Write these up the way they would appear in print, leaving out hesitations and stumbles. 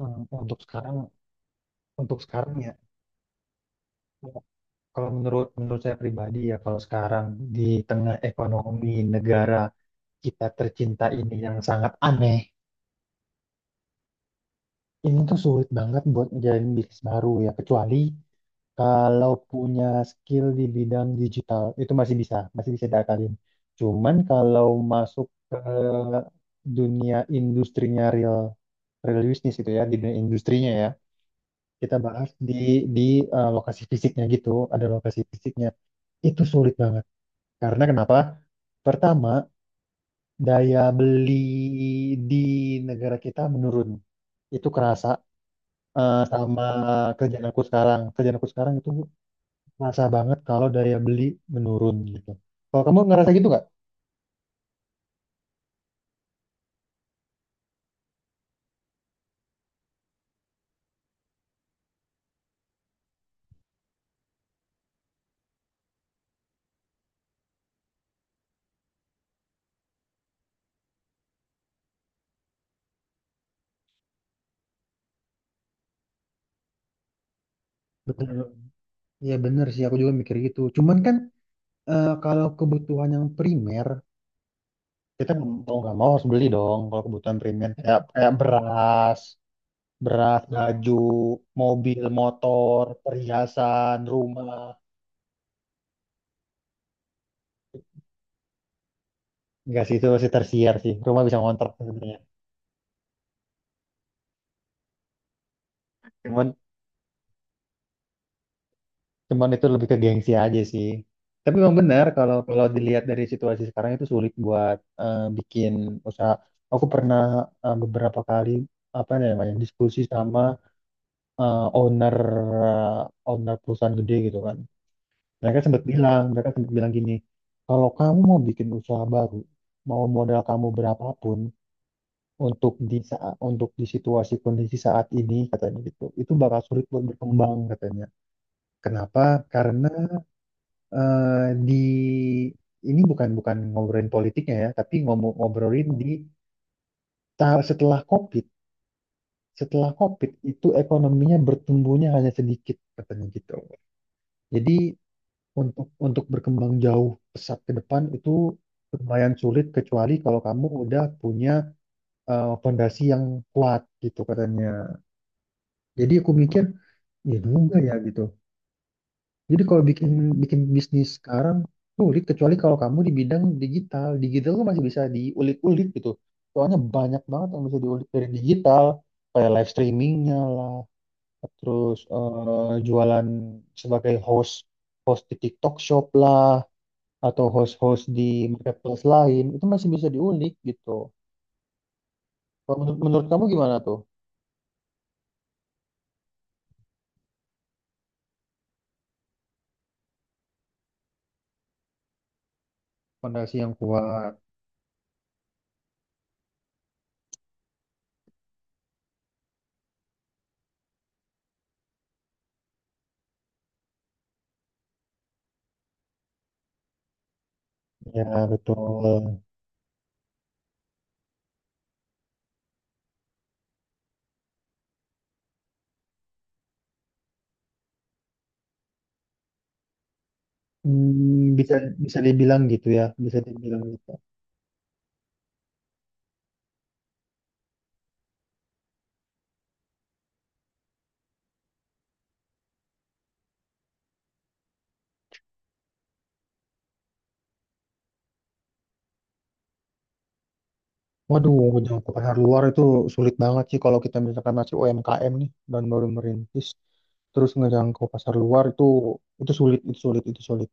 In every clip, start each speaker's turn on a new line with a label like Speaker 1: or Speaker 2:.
Speaker 1: Hmm, Untuk sekarang, untuk sekarang ya, kalau menurut menurut saya pribadi ya, kalau sekarang di tengah ekonomi negara kita tercinta ini yang sangat aneh, ini tuh sulit banget buat ngejalin bisnis baru ya, kecuali kalau punya skill di bidang digital itu masih bisa diakalin. Cuman kalau masuk ke dunia industrinya real real business itu ya, di dunia industrinya ya, kita bahas di lokasi fisiknya gitu, ada lokasi fisiknya. Itu sulit banget. Karena kenapa? Pertama, daya beli di negara kita menurun. Itu kerasa sama kerjaan aku sekarang. Kerjaan aku sekarang itu kerasa banget kalau daya beli menurun gitu. Kalau kamu ngerasa gitu nggak? Betul. Ya bener sih, aku juga mikir gitu. Cuman kan kalau kebutuhan yang primer, kita mau nggak mau harus beli dong kalau kebutuhan primer. Kayak beras, baju, mobil, motor, perhiasan, rumah. Enggak sih, itu masih tersiar sih. Rumah bisa ngontrak sebenarnya. Cuman, cuman itu lebih ke gengsi aja sih. Tapi memang benar kalau kalau dilihat dari situasi sekarang itu sulit buat bikin usaha. Aku pernah beberapa kali apa namanya diskusi sama eh, owner owner perusahaan gede gitu kan. Mereka sempat bilang gini, kalau kamu mau bikin usaha baru, mau modal kamu berapapun, untuk di situasi kondisi saat ini katanya gitu itu bakal sulit buat berkembang katanya. Kenapa? Karena eh, di ini bukan bukan ngobrolin politiknya ya, tapi ngobrolin di ta- setelah COVID setelah COVID itu ekonominya bertumbuhnya hanya sedikit katanya gitu. Jadi untuk berkembang jauh pesat ke depan itu lumayan sulit, kecuali kalau kamu udah punya fondasi yang kuat gitu katanya. Jadi aku mikir, iya juga ya gitu. Jadi kalau bikin bikin bisnis sekarang sulit kecuali kalau kamu di bidang digital. Digital tuh masih bisa diulik-ulik gitu. Soalnya banyak banget yang bisa diulik dari digital, kayak live streamingnya lah, terus jualan sebagai host host di TikTok Shop lah, atau host-host di marketplace lain itu masih bisa diulik gitu. Kalau menurut kamu gimana tuh? Fondasi yang kuat. Ya betul. Hmm, bisa bisa dibilang gitu ya, bisa dibilang gitu. Waduh, jauh ke pasar luar itu sulit banget sih kalau kita misalkan masih UMKM nih dan baru merintis, terus ngejangkau pasar luar itu sulit, itu sulit, itu sulit.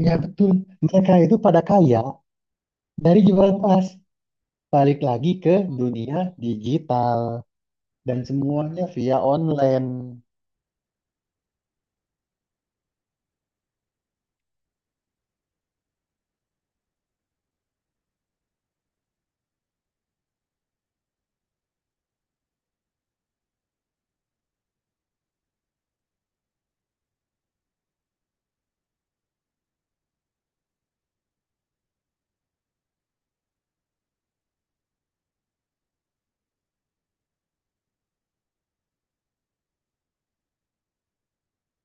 Speaker 1: Iya betul, mereka itu pada kaya dari jualan tas. Balik lagi ke dunia digital dan semuanya via online.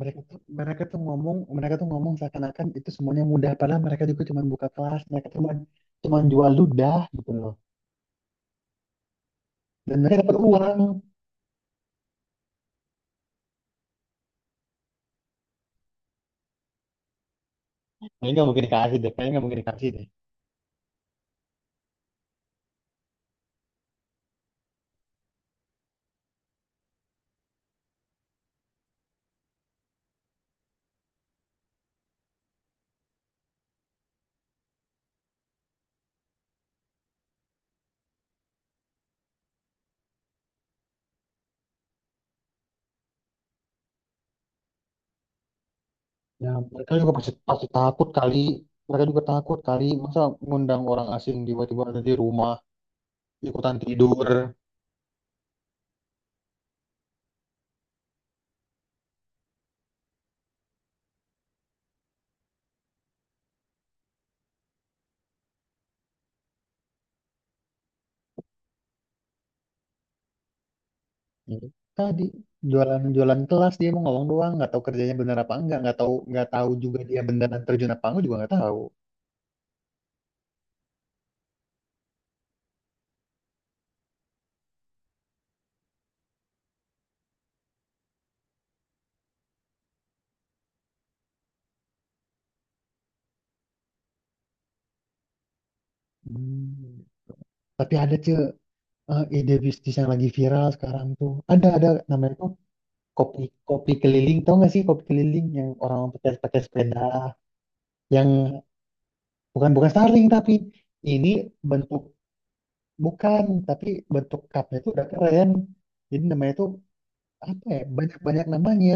Speaker 1: Mereka tuh ngomong seakan-akan itu semuanya mudah, padahal mereka juga cuma buka kelas, mereka cuma cuma jual ludah gitu loh. Dan mereka dapat uang. Kayaknya nggak mungkin dikasih deh, kayaknya nggak mungkin dikasih deh. Ya mereka juga pasti takut kali, mereka juga takut kali masa ngundang orang asing tiba-tiba ada di rumah ikutan tidur. Ya, tadi jualan-jualan kelas, dia mau ngomong doang, nggak tahu kerjanya benar apa enggak, nggak tahu, nggak tahu juga dia beneran terjun apa enggak juga nggak tahu. Hmm. Tapi ada cuy ide bisnis yang lagi viral sekarang tuh. Ada namanya tuh kopi kopi keliling. Tau gak sih kopi keliling yang orang pakai pakai sepeda, yang, Bukan bukan Starling, tapi ini bentuk, bukan, tapi bentuk cupnya itu udah keren. Jadi namanya tuh apa ya? Banyak-banyak namanya.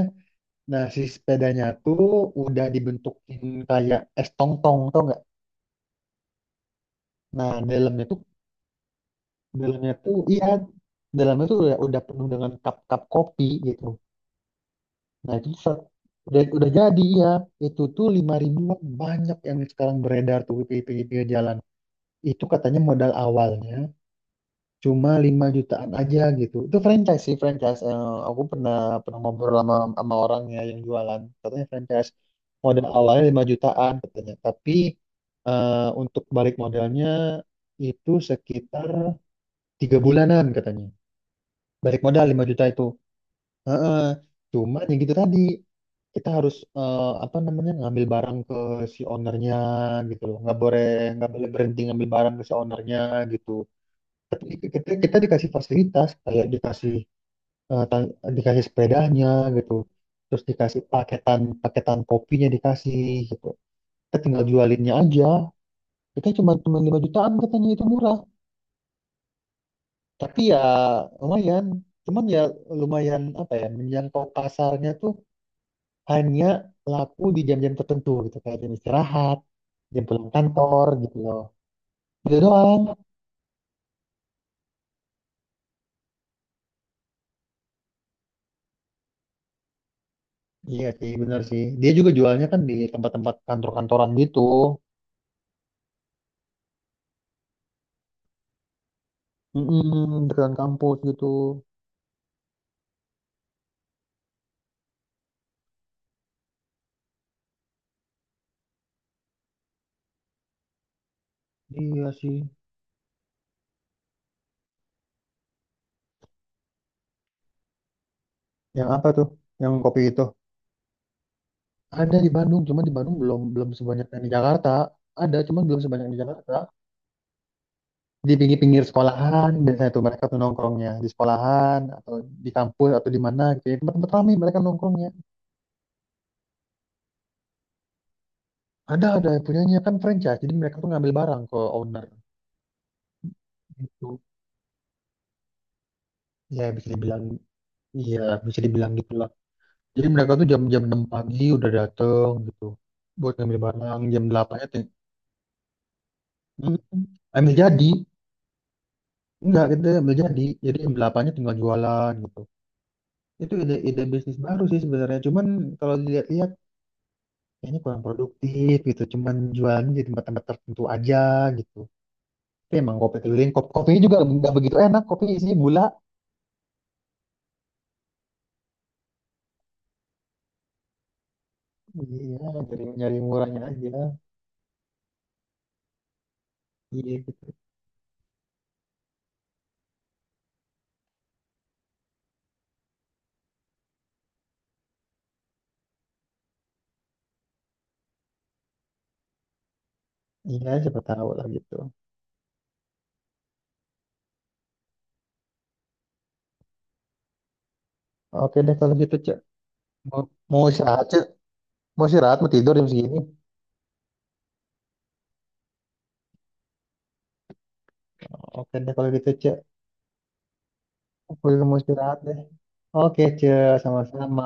Speaker 1: Nah, si sepedanya tuh udah dibentukin kayak es tong-tong, tau nggak? Nah, dalamnya tuh iya, dalamnya tuh udah penuh dengan cup-cup kopi gitu. Nah, itu tuh udah jadi ya. Itu tuh 5 ribuan, banyak yang sekarang beredar tuh di pinggir-pinggir jalan. Itu katanya modal awalnya cuma 5 jutaan aja gitu. Itu franchise sih, franchise. Eh, aku pernah pernah ngobrol sama orangnya yang jualan. Katanya franchise modal awalnya 5 jutaan katanya. Tapi eh, untuk balik modalnya itu sekitar 3 bulanan katanya. Balik modal 5 juta itu. Heeh. Cuma ya gitu tadi, kita harus apa namanya ngambil barang ke si ownernya gitu loh. Nggak boleh berhenti ngambil barang ke si ownernya gitu. Tapi kita dikasih fasilitas kayak dikasih dikasih sepedanya gitu, terus dikasih paketan paketan kopinya dikasih gitu. Kita tinggal jualinnya aja, kita cuma cuma 5 jutaan katanya, itu murah, tapi ya lumayan. Cuman ya, lumayan, apa ya, menjangkau pasarnya tuh hanya laku di jam-jam tertentu gitu, kayak jam istirahat, jam pulang kantor gitu loh. Itu doang. Iya sih, benar sih, dia juga jualnya kan di tempat-tempat kantor-kantoran gitu. Mm-mm, dekat kampus gitu. Iya sih. Yang apa tuh? Yang kopi itu? Ada di Bandung, cuma di Bandung belum belum sebanyak yang di Jakarta. Ada, cuma belum sebanyak yang di Jakarta. Di pinggir-pinggir sekolahan biasanya tuh mereka tuh nongkrongnya di sekolahan, atau di kampus, atau di mana gitu. Ya. Tempat-tempat ramai mereka nongkrongnya. Ada yang punyanya kan franchise, jadi mereka tuh ngambil barang ke owner gitu. Ya bisa dibilang, iya bisa dibilang gitu lah. Jadi mereka tuh jam-jam 6 pagi udah dateng gitu buat ngambil barang jam 8. Hmm, ambil jadi, enggak, kita ambil jadi ambil apanya tinggal jualan gitu. Itu ide ide bisnis baru sih sebenarnya, cuman kalau dilihat-lihat kayaknya kurang produktif gitu, cuman jualan di tempat-tempat tertentu aja gitu. Tapi emang kopi keliling, kopi kopinya juga nggak begitu enak, kopi isinya gula, iya dari nyari murahnya aja, iya gitu, iya siapa tahu lah gitu. Oke deh kalau gitu, cek, mau mau istirahat, cek, mau istirahat, mau tidur jam segini. Oke deh kalau gitu, cek. Aku juga mau istirahat deh. Oke, ce, sama-sama.